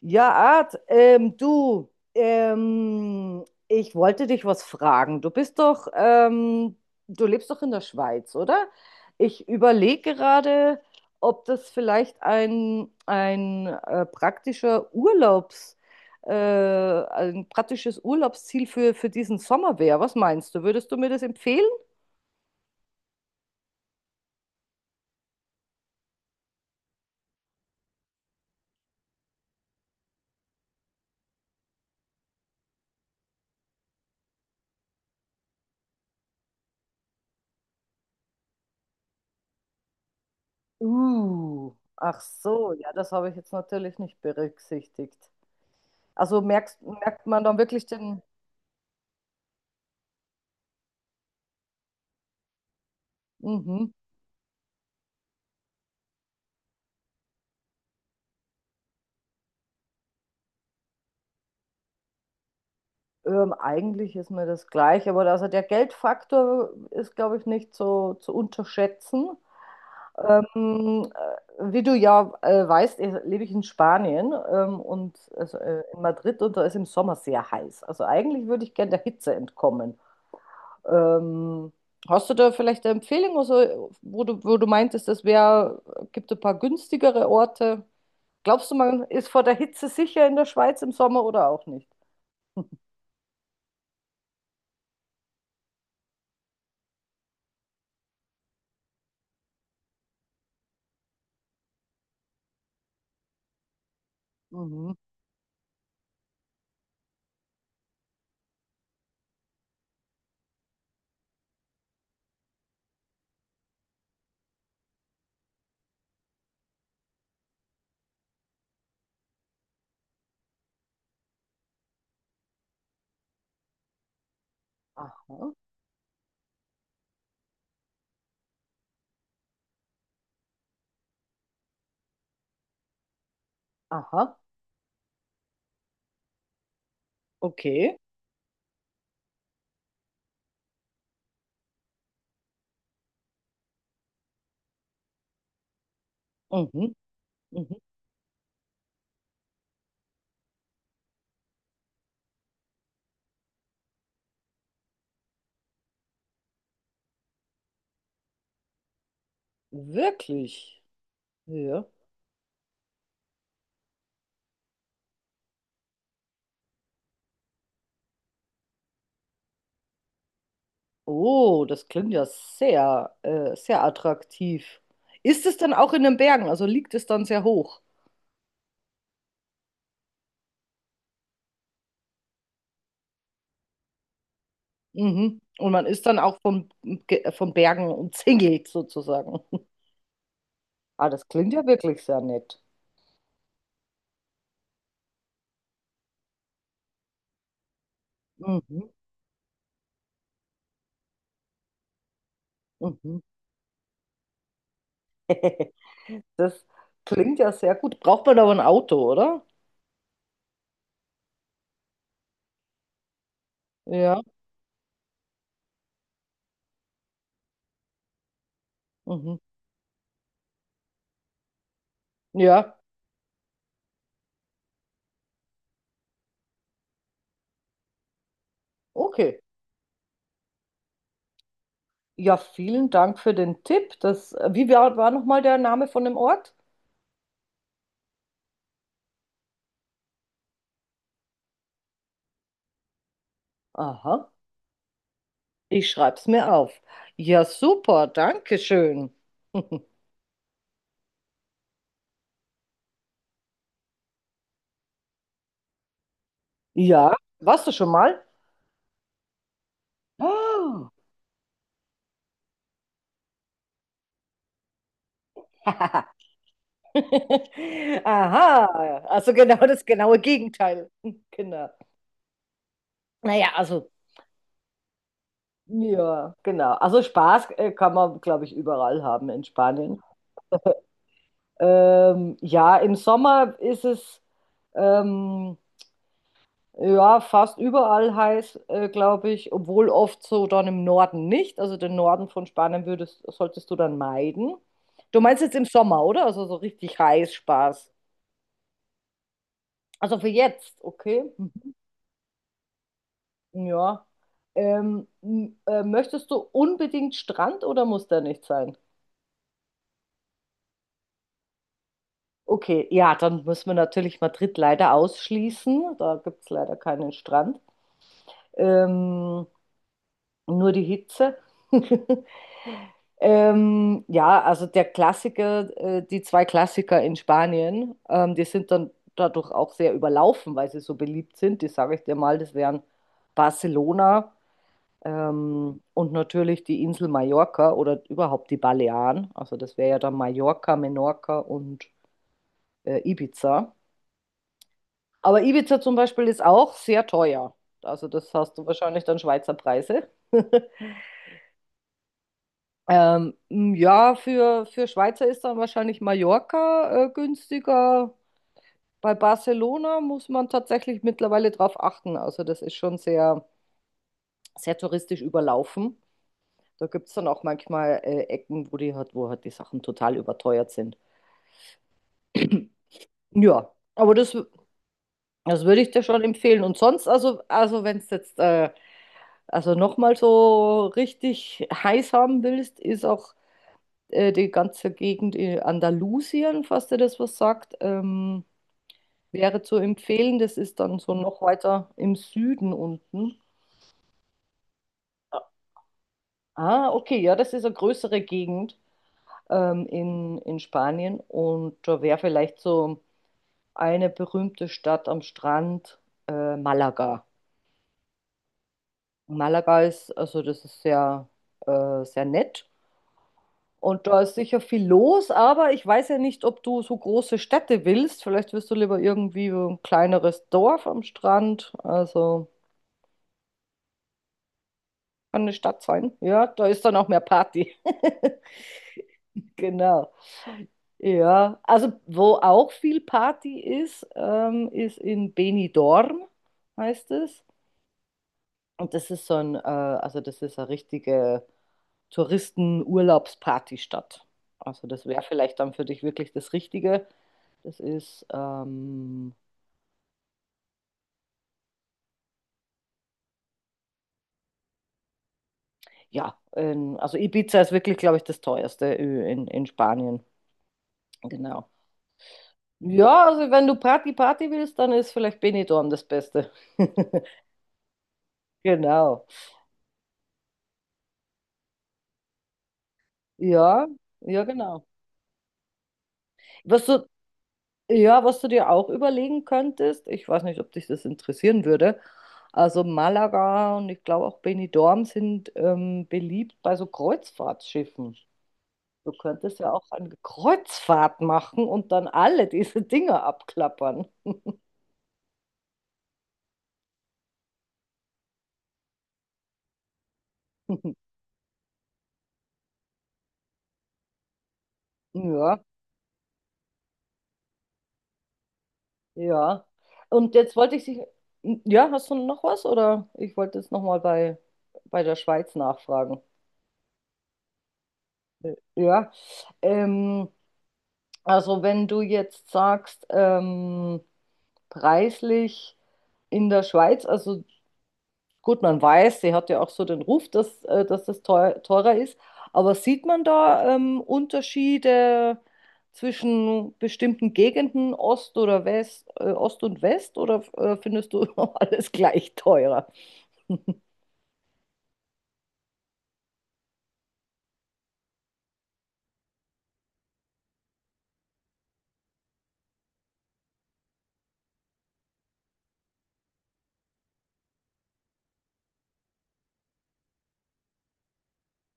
Ja, Art, du, ich wollte dich was fragen. Du bist doch, du lebst doch in der Schweiz, oder? Ich überlege gerade, ob das vielleicht ein praktischer ein praktisches Urlaubsziel für diesen Sommer wäre. Was meinst du? Würdest du mir das empfehlen? Ach so, ja, das habe ich jetzt natürlich nicht berücksichtigt. Also merkt man dann wirklich den, mhm. Eigentlich ist mir das gleich, aber also der Geldfaktor ist, glaube ich, nicht so zu unterschätzen. Ähm, Wie du ja weißt, lebe ich in Spanien, und also, in Madrid, und da ist im Sommer sehr heiß. Also eigentlich würde ich gerne der Hitze entkommen. Ähm, Hast du da vielleicht eine Empfehlung, also, wo du meintest, es gibt ein paar günstigere Orte? Glaubst du, man ist vor der Hitze sicher in der Schweiz im Sommer oder auch nicht? Mhm. Aha, aha. Okay. Mhm. Mhm. Wirklich? Ja. Oh, das klingt ja sehr, sehr attraktiv. Ist es dann auch in den Bergen? Also liegt es dann sehr hoch? Mhm. Und man ist dann auch vom Bergen umzingelt sozusagen. Ah, das klingt ja wirklich sehr nett. Mhm. Mhm. Das klingt ja sehr gut. Braucht man aber ein Auto, oder? Ja. Mhm. Ja. Okay. Ja, vielen Dank für den Tipp. Das, war nochmal der Name von dem Ort? Aha, ich schreib's mir auf. Ja, super, danke schön. Ja, warst du schon mal? Oh. Aha, also genau das genaue Gegenteil. Genau. Naja, also, ja, genau. Also Spaß kann man, glaube ich, überall haben in Spanien. Ja, im Sommer ist es. Ähm, Ja, fast überall heiß, glaube ich, obwohl oft so dann im Norden nicht. Also den Norden von Spanien würdest, solltest du dann meiden. Du meinst jetzt im Sommer, oder? Also so richtig heiß Spaß. Also für jetzt, okay. Hm, ja. Möchtest du unbedingt Strand oder muss der nicht sein? Okay, ja, dann müssen wir natürlich Madrid leider ausschließen. Da gibt es leider keinen Strand. Ähm, nur die Hitze. Ja, also der Klassiker, die zwei Klassiker in Spanien, die sind dann dadurch auch sehr überlaufen, weil sie so beliebt sind. Die sage ich dir mal, das wären Barcelona, und natürlich die Insel Mallorca oder überhaupt die Balearen. Also das wäre ja dann Mallorca, Menorca und Ibiza. Aber Ibiza zum Beispiel ist auch sehr teuer. Also das hast du wahrscheinlich dann Schweizer Preise. Ja, für Schweizer ist dann wahrscheinlich Mallorca günstiger. Bei Barcelona muss man tatsächlich mittlerweile drauf achten. Also das ist schon sehr, sehr touristisch überlaufen. Da gibt es dann auch manchmal Ecken, wo wo halt die Sachen total überteuert sind. Ja, aber das würde ich dir schon empfehlen. Und sonst, also wenn es jetzt also nochmal so richtig heiß haben willst, ist auch die ganze Gegend in Andalusien, falls dir das was sagt, wäre zu empfehlen. Das ist dann so noch weiter im Süden unten. Ah, okay, ja, das ist eine größere Gegend, in Spanien, und da wäre vielleicht so eine berühmte Stadt am Strand, Malaga. Malaga ist, also das ist sehr, sehr nett. Und da ist sicher viel los, aber ich weiß ja nicht, ob du so große Städte willst. Vielleicht willst du lieber irgendwie so ein kleineres Dorf am Strand. Also kann eine Stadt sein. Ja, da ist dann auch mehr Party. Genau. Ja, also wo auch viel Party ist, ist in Benidorm, heißt es. Und das ist so also das ist eine richtige Touristen-Urlaubspartystadt. Also das wäre vielleicht dann für dich wirklich das Richtige. Das ist Ja, also Ibiza ist wirklich, glaube ich, das teuerste Ö in Spanien. Genau. Ja, also wenn du Party Party willst, dann ist vielleicht Benidorm das Beste. Genau. Ja, ja, genau. Was du, ja, was du dir auch überlegen könntest, ich weiß nicht, ob dich das interessieren würde. Also Malaga und ich glaube auch Benidorm sind beliebt bei so Kreuzfahrtschiffen. Du könntest ja auch eine Kreuzfahrt machen und dann alle diese Dinge abklappern. Ja, ja. Und jetzt wollte ich dich, hm, ja, hast du noch was oder ich wollte jetzt nochmal bei der Schweiz nachfragen. Ja, ähm, also wenn du jetzt sagst, preislich in der Schweiz, also gut, man weiß, sie hat ja auch so den Ruf, dass, dass das teurer ist. Aber sieht man da Unterschiede zwischen bestimmten Gegenden, Ost oder West, Ost und West, oder findest du alles gleich teurer?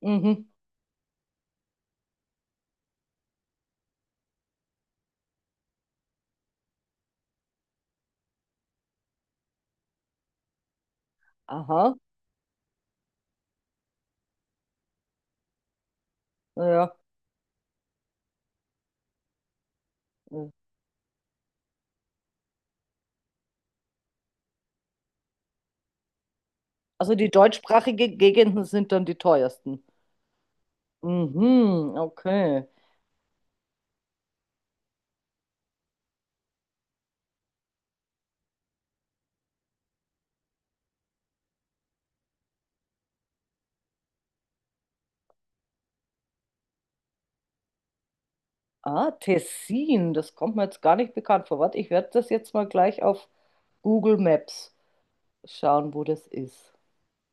Mhm. Aha, ja. Ja. Also die deutschsprachigen Gegenden sind dann die teuersten. Mhm, okay. Ah, Tessin, das kommt mir jetzt gar nicht bekannt vor. Warte, ich werde das jetzt mal gleich auf Google Maps schauen, wo das ist.